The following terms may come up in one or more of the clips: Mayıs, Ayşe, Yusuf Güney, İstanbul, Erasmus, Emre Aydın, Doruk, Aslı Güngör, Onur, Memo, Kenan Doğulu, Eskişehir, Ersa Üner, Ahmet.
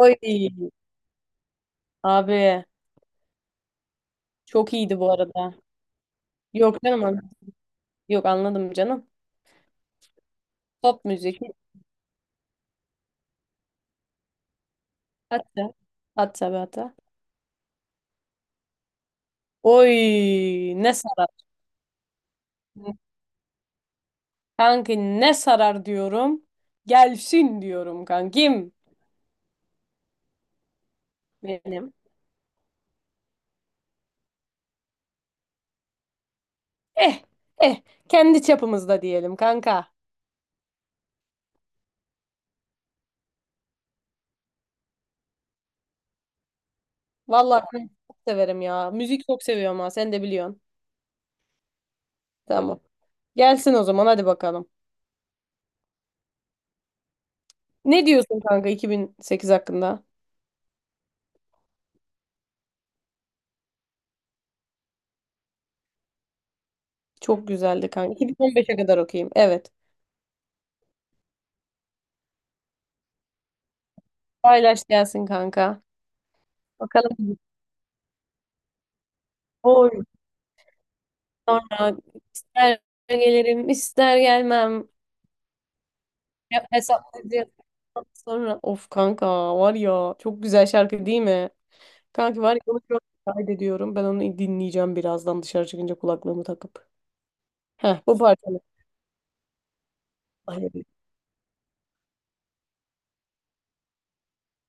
Oy abi, çok iyiydi bu arada. Yok canım yok anladım canım. Pop müzik, hatta hatta be hatta. Oy ne sarar. Kanki ne sarar diyorum. Gelsin diyorum kankim benim. Eh eh kendi çapımızda diyelim kanka. Vallahi ben çok severim ya. Müzik çok seviyorum ha, sen de biliyorsun. Tamam. Gelsin o zaman, hadi bakalım. Ne diyorsun kanka 2008 hakkında? Çok güzeldi kanka. 2015'e kadar okuyayım. Evet. Paylaş gelsin kanka. Bakalım. Oy. Sonra ister gelirim ister gelmem. Hesaplayacağız. Sonra of kanka, var ya çok güzel şarkı değil mi? Kanki var ya, onu şu an kaydediyorum. Ben onu dinleyeceğim birazdan dışarı çıkınca kulaklığımı takıp. Heh bu parçanı.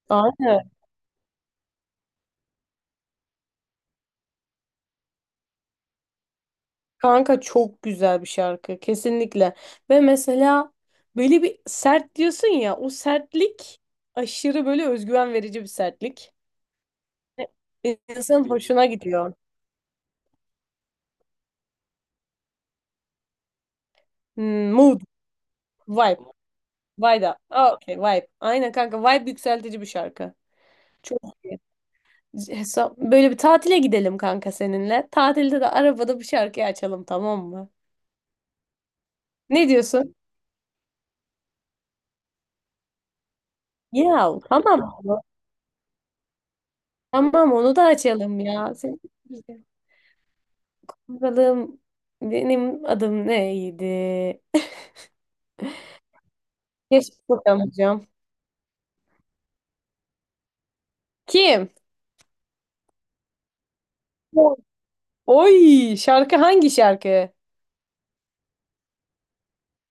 Aynen. Kanka çok güzel bir şarkı kesinlikle. Ve mesela böyle bir sert diyorsun ya, o sertlik aşırı böyle özgüven verici bir sertlik. İnsanın hoşuna gidiyor. Hmm, mood, vibe, vibe da. Aa, okay, vibe. Aynen kanka, vibe yükseltici bir şarkı. Çok iyi. Böyle bir tatile gidelim kanka seninle. Tatilde de arabada bir şarkı açalım, tamam mı? Ne diyorsun? Ya tamam. Tamam, onu da açalım ya. Senin bakalım, benim adım neydi? Keşke bulamayacağım. Kim? Oy şarkı, hangi şarkı?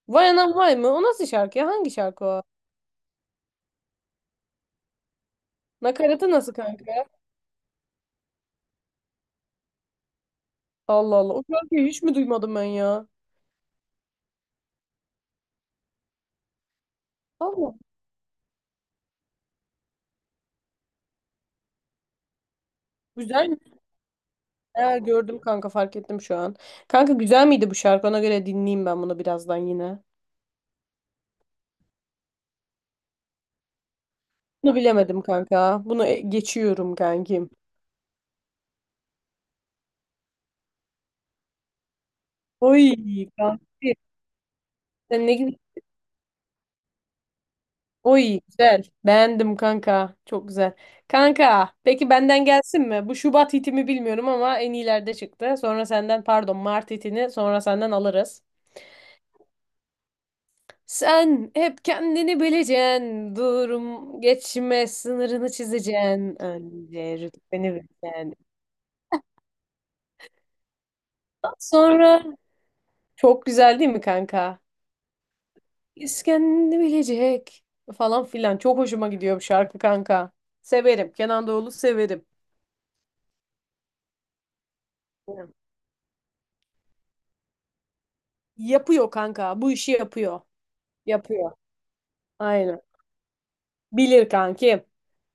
Vay anam vay mı? O nasıl şarkı ya? Hangi şarkı o? Nakaratı nasıl kanka? Allah Allah. O şarkıyı hiç mi duymadım ben ya? Allah. Güzel mi? Ha, gördüm kanka, fark ettim şu an. Kanka güzel miydi bu şarkı? Ona göre dinleyeyim ben bunu birazdan yine. Bunu bilemedim kanka. Bunu geçiyorum kankim. Oy kanka. Sen ne gibi? Oy güzel. Beğendim kanka. Çok güzel. Kanka peki benden gelsin mi? Bu Şubat hitimi bilmiyorum ama en iyilerde çıktı. Sonra senden pardon, Mart hitini sonra senden alırız. Sen hep kendini bileceksin, durum geçme sınırını çizeceksin, önce rütbeni bileceksin. Ondan sonra çok güzel değil mi kanka? Biz kendini bilecek falan filan. Çok hoşuma gidiyor bu şarkı kanka. Severim. Kenan Doğulu severim. Yapıyor kanka. Bu işi yapıyor. Yapıyor. Aynen. Bilir kankim.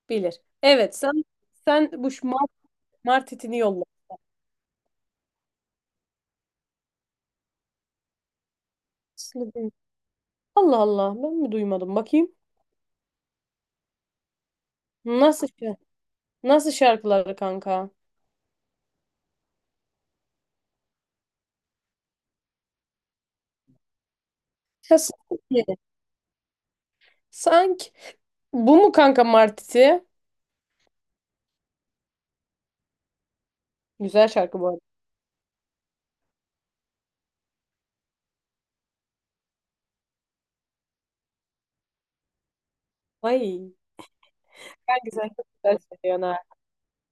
Bilir. Evet sen bu şu Mart, Mart itini yolla. Allah Allah, ben mi duymadım bakayım. Nasıl Nasıl şarkıları kanka? Ya sanki. Sanki bu mu kanka Martiti? Güzel şarkı bu arada. Ay. Ben, güzel çok güzel söylüyorsun ha.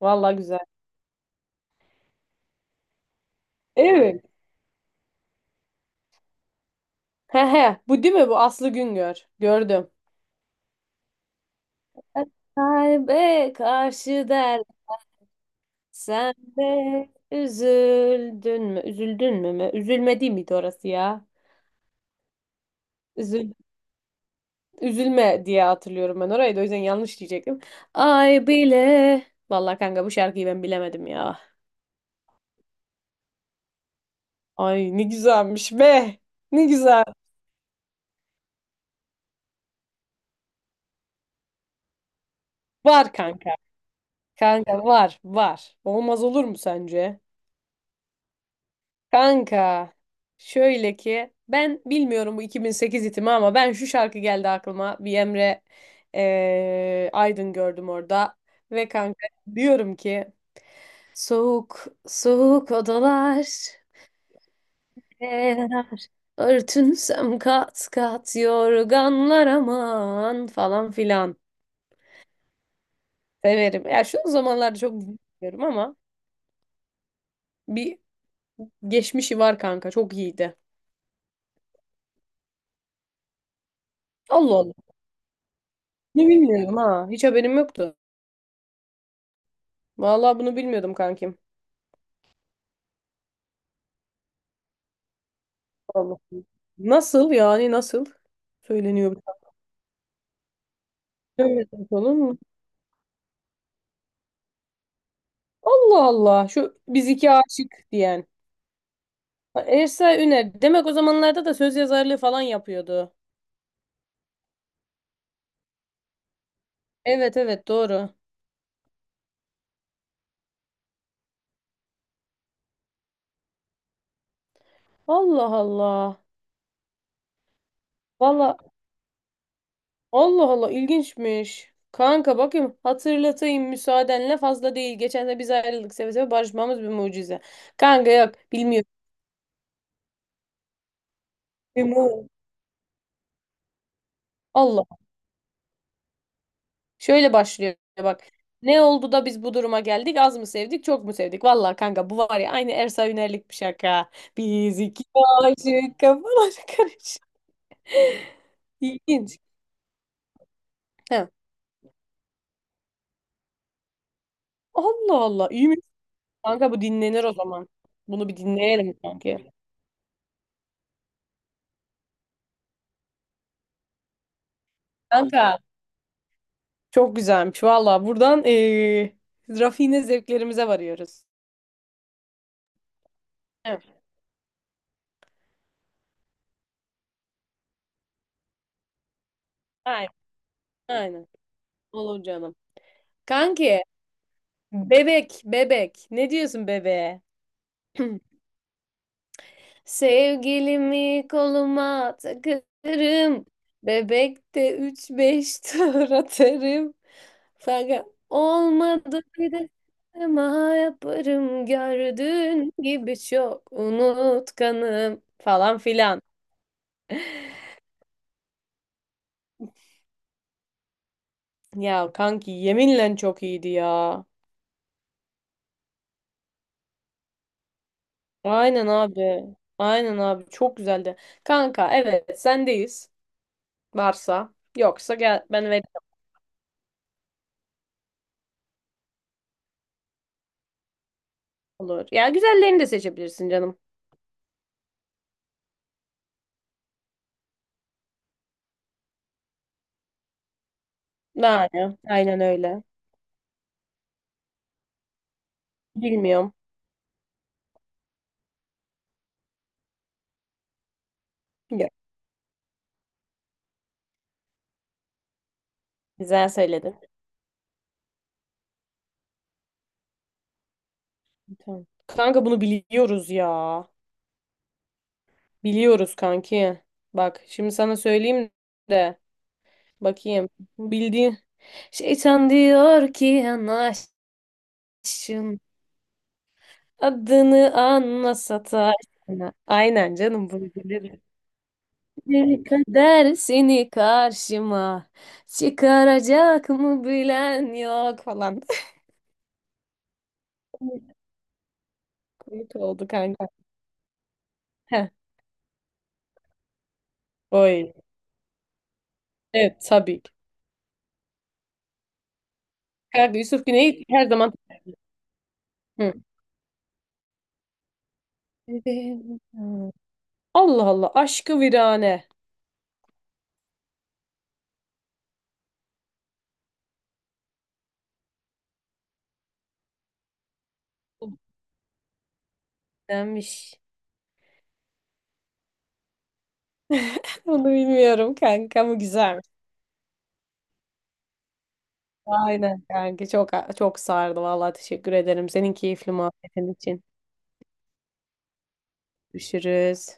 Valla güzel. Evet. He he. Bu değil mi? Bu Aslı Güngör. Gördüm. Kalbe karşı der, sen de üzüldün mü? Üzüldün mü mü? Üzülme değil miydi orası ya? Üzül, üzülme diye hatırlıyorum ben orayı, da o yüzden yanlış diyecektim. Ay bile. Vallahi kanka bu şarkıyı ben bilemedim ya. Ay ne güzelmiş be. Ne güzel. Var kanka. Kanka var var. Olmaz olur mu sence? Kanka. Şöyle ki ben bilmiyorum bu 2008 itimi ama ben şu şarkı geldi aklıma. Bir Emre Aydın gördüm orada. Ve kanka diyorum ki, soğuk soğuk odalar eğer örtünsem kat kat yorganlar aman falan filan. Severim. Ya şu zamanlarda çok bilmiyorum ama bir geçmişi var kanka. Çok iyiydi. Allah Allah. Bunu bilmiyorum ha. Hiç haberim yoktu. Vallahi bunu bilmiyordum kankim. Allah. Nasıl yani, nasıl? Söyleniyor bir tane. Evet, bakalım. Allah Allah. Şu biz iki aşık diyen. Ha, Ersa Üner. Demek o zamanlarda da söz yazarlığı falan yapıyordu. Evet evet, doğru. Allah Allah. Vallahi Allah Allah ilginçmiş. Kanka bakayım hatırlatayım müsaadenle, fazla değil. Geçen de biz ayrıldık seve seve, barışmamız bir mucize. Kanka yok, bilmiyorum. Bir mu- Allah. Şöyle başlıyor bak. Ne oldu da biz bu duruma geldik? Az mı sevdik, çok mu sevdik? Vallahi kanka bu var ya, aynı Ersa Üner'lik bir şaka. Biz iki aşık, kafalar karışık. İlginç. He. Allah Allah. İyi mi? Kanka bu dinlenir o zaman. Bunu bir dinleyelim kanka. Kanka. Çok güzelmiş. Valla buradan rafine zevklerimize varıyoruz. Evet, aynen, aynen. Olur canım. Kanki, bebek, bebek. Ne diyorsun bebeğe? Sevgilimi koluma takarım. Bebekte üç beş tur atarım. Fakat olmadı bir de ama yaparım, gördüğün gibi çok unutkanım falan filan. Ya kanki yeminle çok iyiydi ya. Aynen abi. Aynen abi, çok güzeldi. Kanka evet, sendeyiz. Varsa yoksa gel ben veririm, olur. Ya güzellerini de seçebilirsin canım. Yani aynen öyle. Bilmiyorum. Yok, güzel söyledin. Tamam. Kanka bunu biliyoruz ya. Biliyoruz kanki. Bak şimdi sana söyleyeyim de bakayım. Bildiğin şeytan diyor ki yanaşın. Adını anla sataşına. Aynen canım, bunu bilirim. Bir kader seni karşıma çıkaracak mı bilen yok falan. Komik oldu kanka. Heh, oy. Evet tabii ki. Kanka Yusuf Güney her zaman. Hı. Allah Allah, aşkı virane. Denmiş. Bunu bilmiyorum kanka ama güzelmiş. Aynen kanka, çok sardı vallahi, teşekkür ederim senin keyifli muhabbetin için. Görüşürüz.